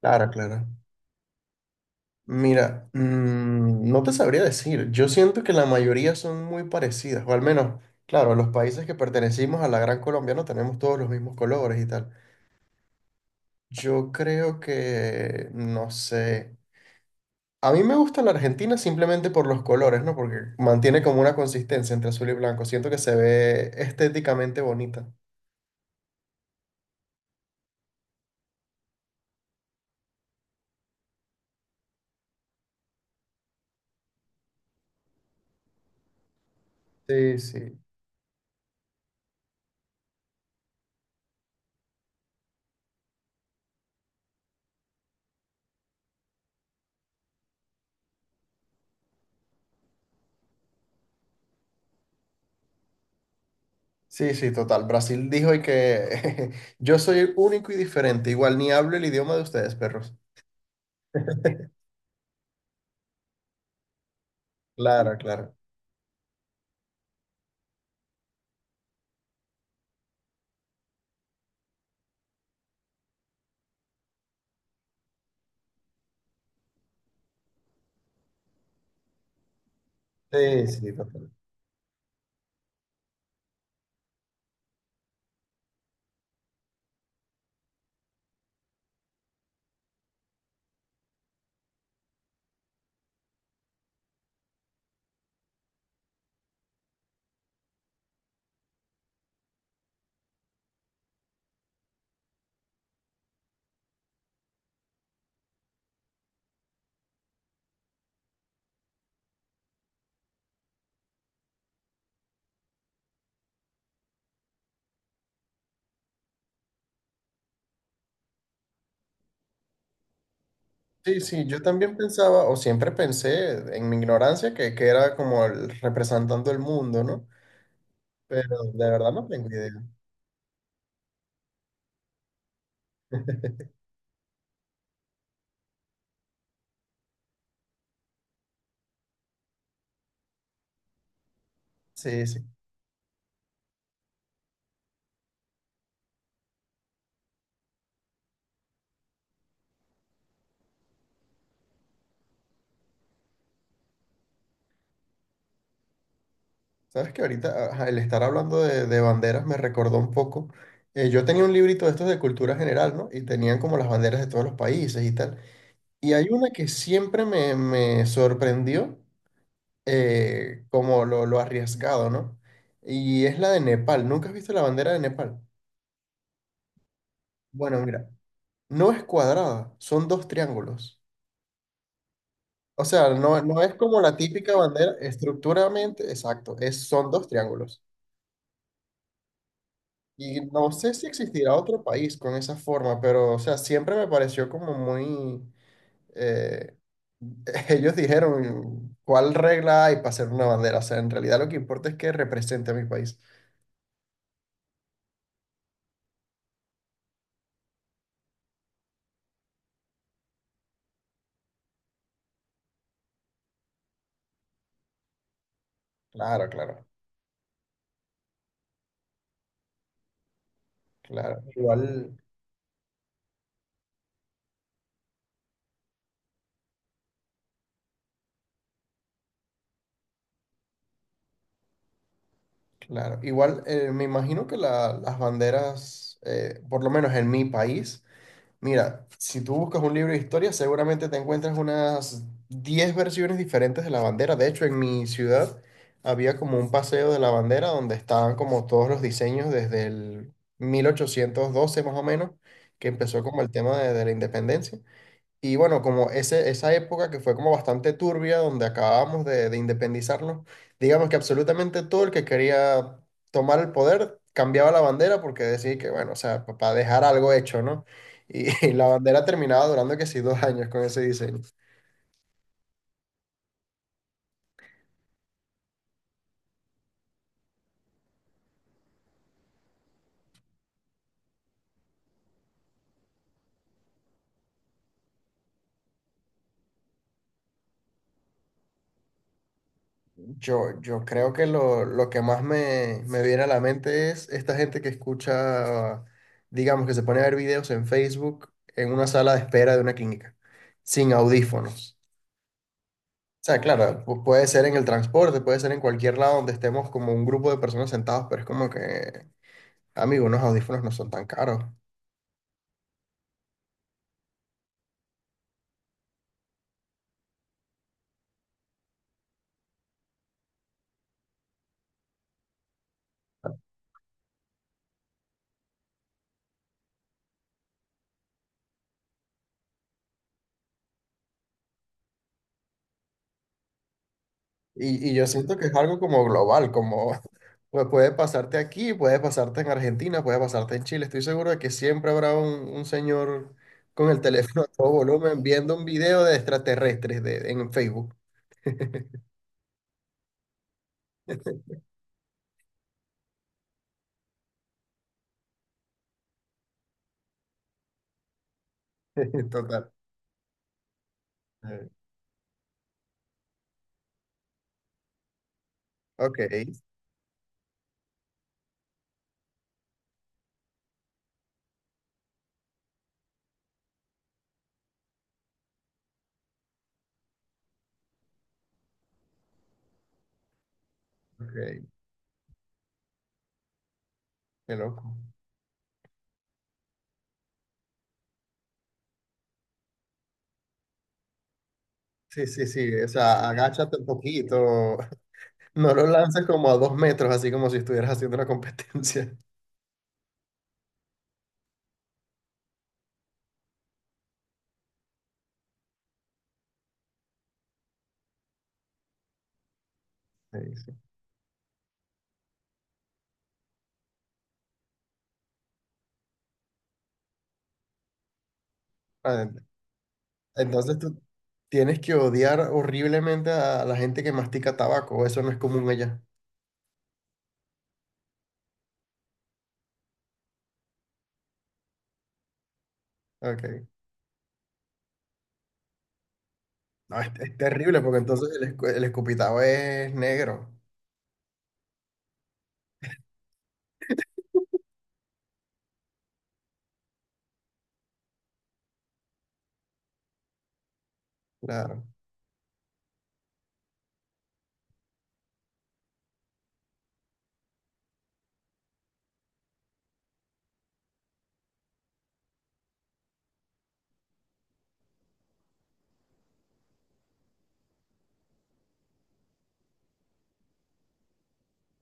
Claro, claro. Mira, no te sabría decir. Yo siento que la mayoría son muy parecidas, o al menos, claro, los países que pertenecimos a la Gran Colombia no tenemos todos los mismos colores y tal. Yo creo que, no sé. A mí me gusta la Argentina simplemente por los colores, ¿no? Porque mantiene como una consistencia entre azul y blanco. Siento que se ve estéticamente bonita. Sí, sí. Sí, sí, total. Brasil dijo y que yo soy único y diferente. Igual ni hablo el idioma de ustedes, perros. Claro, claro. Sí, sí, total. Sí, sí, yo también pensaba, o siempre pensé en mi ignorancia que era como el representando el mundo, ¿no? Pero de verdad no tengo idea. Sí, sí. Sabes que ahorita ajá, el estar hablando de banderas me recordó un poco. Yo tenía un librito de estos de cultura general, ¿no? Y tenían como las banderas de todos los países y tal. Y hay una que siempre me sorprendió, como lo arriesgado, ¿no? Y es la de Nepal. ¿Nunca has visto la bandera de Nepal? Bueno, mira. No es cuadrada, son dos triángulos. O sea, no es como la típica bandera estructuralmente, exacto, es, son dos triángulos. Y no sé si existirá otro país con esa forma, pero, o sea, siempre me pareció como muy... eh, ellos dijeron, ¿cuál regla hay para hacer una bandera? O sea, en realidad lo que importa es que represente a mi país. Claro, claro, claro. Igual, claro. Igual, me imagino que las banderas, por lo menos en mi país, mira, si tú buscas un libro de historia, seguramente te encuentras unas 10 versiones diferentes de la bandera. De hecho, en mi ciudad había como un paseo de la bandera donde estaban como todos los diseños desde el 1812 más o menos, que empezó como el tema de la independencia. Y bueno, como esa época que fue como bastante turbia, donde acabábamos de independizarnos, digamos que absolutamente todo el que quería tomar el poder cambiaba la bandera porque decía que, bueno, o sea, para dejar algo hecho, ¿no? Y y la bandera terminaba durando que sí 2 años con ese diseño. Yo creo que lo que más me viene a la mente es esta gente que escucha, digamos, que se pone a ver videos en Facebook en una sala de espera de una clínica, sin audífonos. O sea, claro, puede ser en el transporte, puede ser en cualquier lado donde estemos como un grupo de personas sentados, pero es como que, amigo, unos audífonos no son tan caros. Y yo siento que es algo como global, como pues, puede pasarte aquí, puede pasarte en Argentina, puede pasarte en Chile. Estoy seguro de que siempre habrá un señor con el teléfono a todo volumen viendo un video de extraterrestres de, en Facebook. Total. Eh, Ok, ok, qué loco. Sí, sí, sí, o sea, agáchate un poquito. No lo lances como a 2 metros, así como si estuvieras haciendo una competencia. Sí, sí. Ah, ent- Entonces tú tienes que odiar horriblemente a la gente que mastica tabaco. Eso no es común allá. Ok. No, es terrible porque entonces el, el escupitajo es negro. Claro.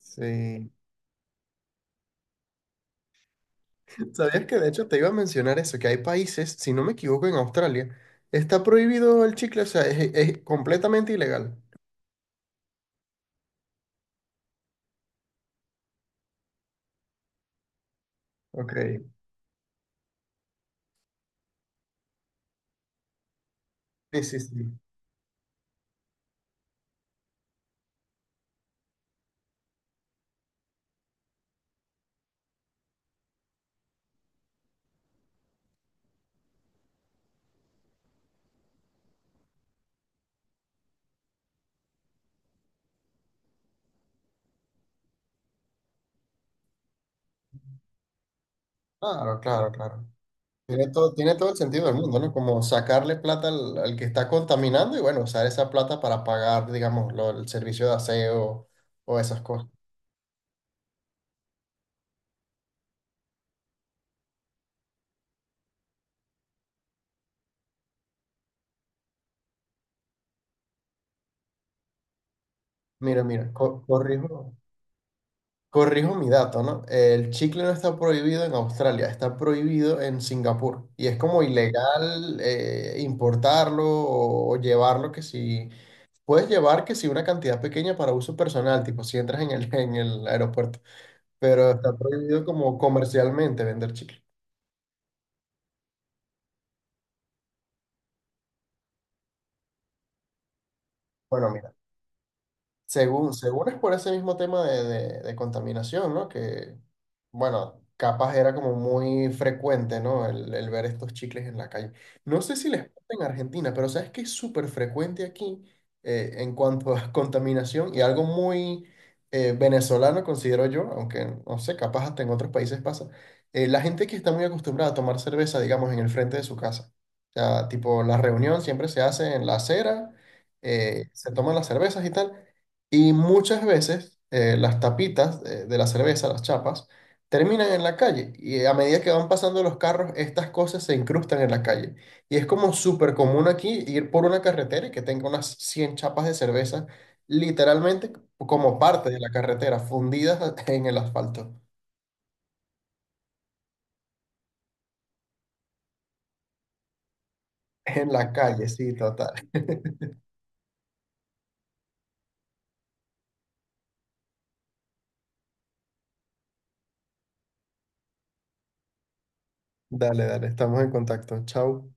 Sí. ¿Sabías que de hecho te iba a mencionar eso? Que hay países, si no me equivoco, en Australia, está prohibido el chicle, o sea, es completamente ilegal. Ok. Sí, sí, sí. Claro, claro, claro. Tiene todo el sentido del mundo, ¿no? Como sacarle plata al, al que está contaminando y bueno, usar esa plata para pagar, digamos, el servicio de aseo o esas cosas. Mira, mira, corrijo, corrijo mi dato, ¿no? El chicle no está prohibido en Australia, está prohibido en Singapur y es como ilegal importarlo o llevarlo que si... Puedes llevar que si una cantidad pequeña para uso personal, tipo si entras en el, en el aeropuerto, pero está prohibido como comercialmente vender chicle. Bueno, según, según es por ese mismo tema de, de contaminación, ¿no? Que, bueno, capaz era como muy frecuente, ¿no? El ver estos chicles en la calle. No sé si les pasa en Argentina, pero sabes que es súper frecuente aquí en cuanto a contaminación y algo muy venezolano, considero yo, aunque no sé, capaz hasta en otros países pasa. La gente que está muy acostumbrada a tomar cerveza, digamos, en el frente de su casa. O sea, tipo, la reunión siempre se hace en la acera, se toman las cervezas y tal. Y muchas veces las tapitas de la cerveza, las chapas, terminan en la calle. Y a medida que van pasando los carros, estas cosas se incrustan en la calle. Y es como súper común aquí ir por una carretera y que tenga unas 100 chapas de cerveza, literalmente como parte de la carretera, fundidas en el asfalto. En la calle, sí, total. Dale, dale, estamos en contacto. Chao.